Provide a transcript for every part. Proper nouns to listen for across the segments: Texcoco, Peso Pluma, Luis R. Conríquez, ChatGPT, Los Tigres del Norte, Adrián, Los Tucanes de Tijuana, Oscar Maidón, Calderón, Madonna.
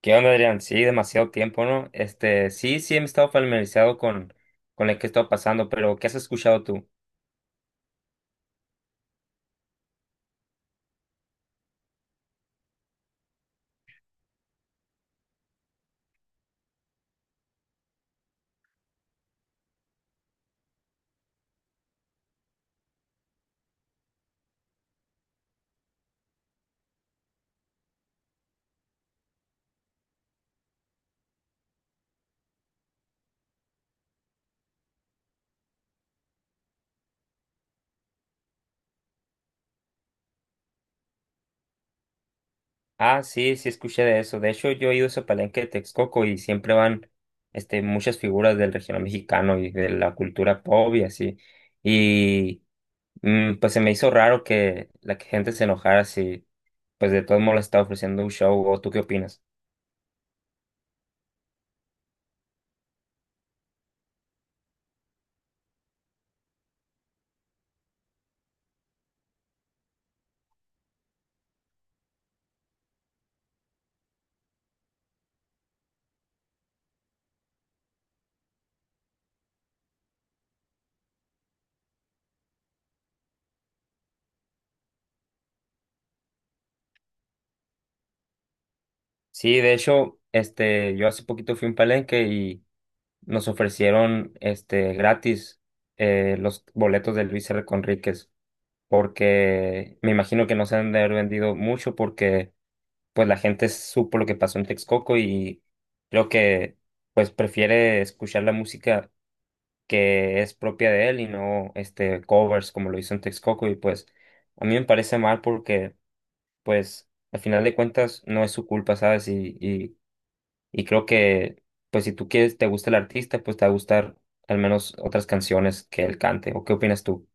¿Qué onda, Adrián? Sí, demasiado tiempo, ¿no? Sí, he estado familiarizado con lo que he estado pasando, pero ¿qué has escuchado tú? Ah, sí, escuché de eso. De hecho, yo he ido a ese palenque de Texcoco y siempre van, muchas figuras del regional mexicano y de la cultura pop y así. Y, pues se me hizo raro que la gente se enojara si, pues de todos modos le estaba ofreciendo un show, ¿o tú qué opinas? Sí, de hecho, yo hace poquito fui a un palenque. Nos ofrecieron este gratis los boletos de Luis R. Conríquez, porque me imagino que no se han de haber vendido mucho porque pues la gente supo lo que pasó en Texcoco y creo que pues prefiere escuchar la música que es propia de él y no este covers como lo hizo en Texcoco, y pues a mí me parece mal porque pues al final de cuentas no es su culpa, ¿sabes? Y creo que pues si tú quieres, te gusta el artista, pues te va a gustar al menos otras canciones que él cante. ¿O qué opinas tú?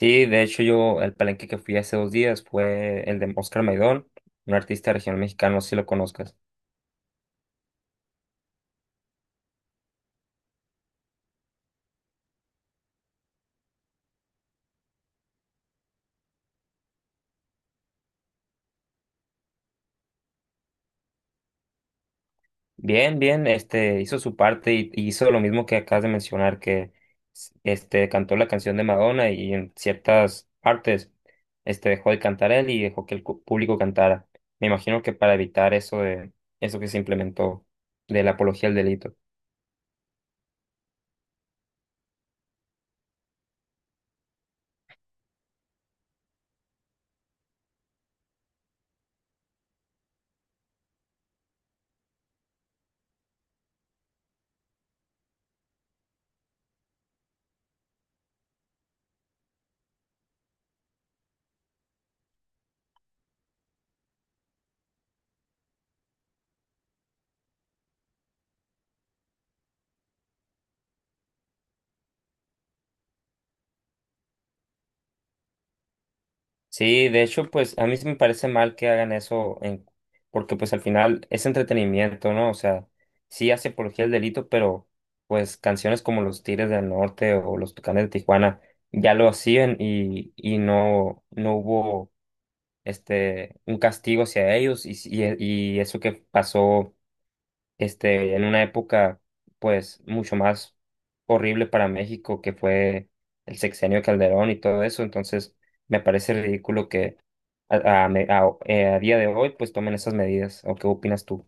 Sí, de hecho yo, el palenque que fui hace 2 días fue el de Oscar Maidón, un artista regional mexicano, no sé si lo conozcas. Bien, bien, hizo su parte y hizo lo mismo que acabas de mencionar, que cantó la canción de Madonna y en ciertas partes dejó de cantar él y dejó que el público cantara. Me imagino que para evitar eso que se implementó de la apología del delito. Sí, de hecho, pues a mí sí me parece mal que hagan eso, porque pues al final es entretenimiento, ¿no? O sea, sí hace apología del delito, pero pues canciones como Los Tigres del Norte o Los Tucanes de Tijuana ya lo hacían y no hubo un castigo hacia ellos y eso que pasó en una época pues mucho más horrible para México que fue el sexenio de Calderón y todo eso, entonces me parece ridículo que a día de hoy pues tomen esas medidas, ¿o qué opinas tú?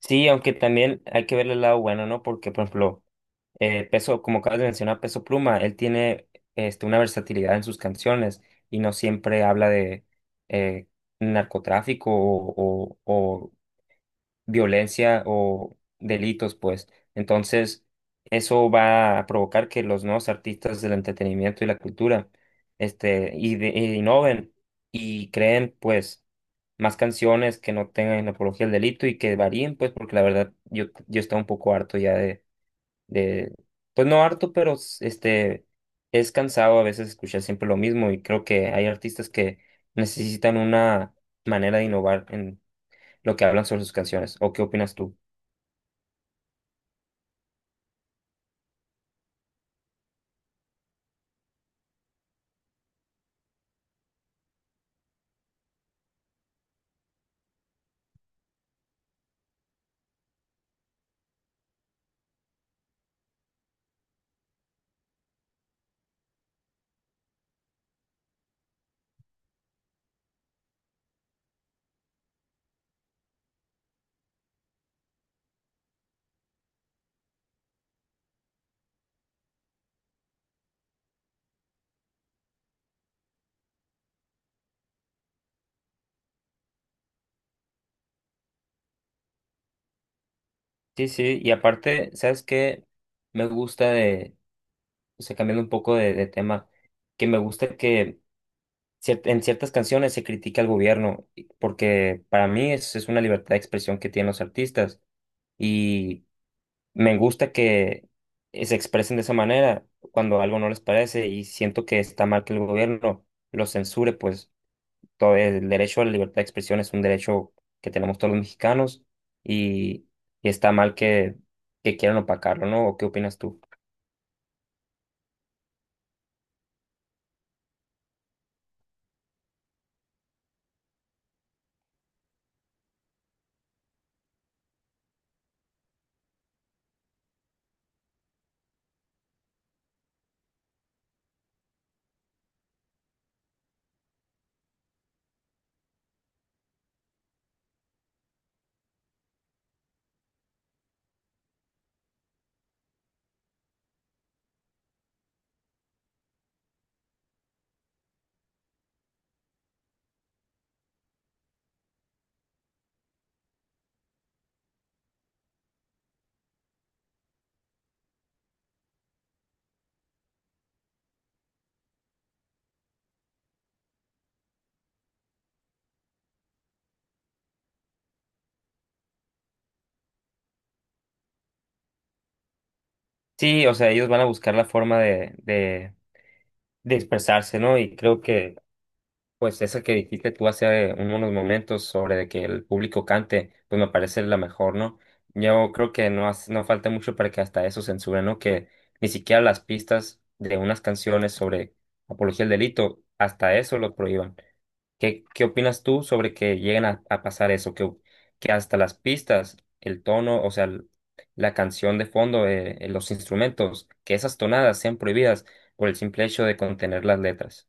Sí, aunque también hay que ver el lado bueno, ¿no? Porque, por ejemplo, Peso, como acabas de mencionar, Peso Pluma, él tiene una versatilidad en sus canciones y no siempre habla de eh, narcotráfico o violencia o delitos, pues. Entonces, eso va a provocar que los nuevos artistas del entretenimiento y la cultura, e innoven y creen, pues, más canciones que no tengan apología al delito y que varíen, pues, porque la verdad yo, yo estaba un poco harto ya de, pues no harto, pero es cansado a veces escuchar siempre lo mismo y creo que hay artistas que necesitan una manera de innovar lo que hablan sobre sus canciones. ¿O qué opinas tú? Sí, sí, y aparte, ¿sabes qué? Me gusta o sea, cambiando un poco de tema, que me gusta que en ciertas canciones se critica al gobierno, porque para mí es una libertad de expresión que tienen los artistas y me gusta que se expresen de esa manera cuando algo no les parece y siento que está mal que el gobierno los censure, pues. Todo el derecho a la libertad de expresión es un derecho que tenemos todos los mexicanos y, y está mal que quieran opacarlo, ¿no? ¿O qué opinas tú? Sí, o sea, ellos van a buscar la forma de expresarse, ¿no? Y creo que, pues, esa que dijiste tú hace unos momentos sobre de que el público cante, pues me parece la mejor, ¿no? Yo creo que no, no falta mucho para que hasta eso censuren, ¿no? Que ni siquiera las pistas de unas canciones sobre apología del delito, hasta eso lo prohíban. ¿Qué, qué opinas tú sobre que lleguen a pasar eso? Que hasta las pistas, el tono, o sea, la canción de fondo, los instrumentos, que esas tonadas sean prohibidas por el simple hecho de contener las letras.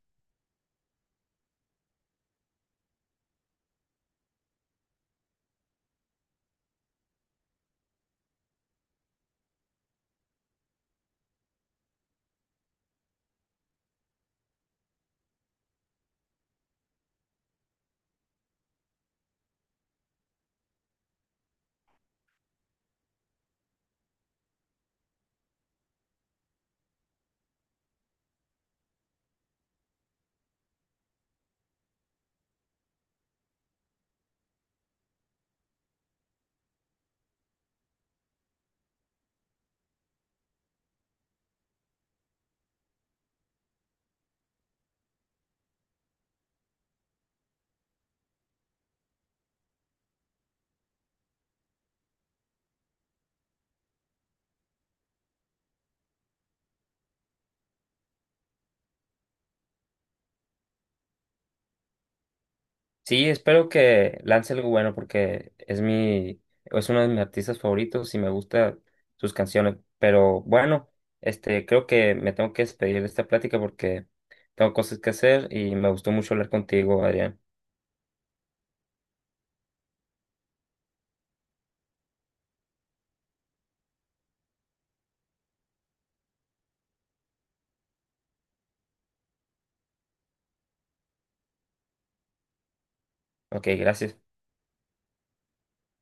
Sí, espero que lance algo bueno porque es uno de mis artistas favoritos y me gustan sus canciones. Pero bueno, creo que me tengo que despedir de esta plática porque tengo cosas que hacer y me gustó mucho hablar contigo, Adrián. Ok, gracias.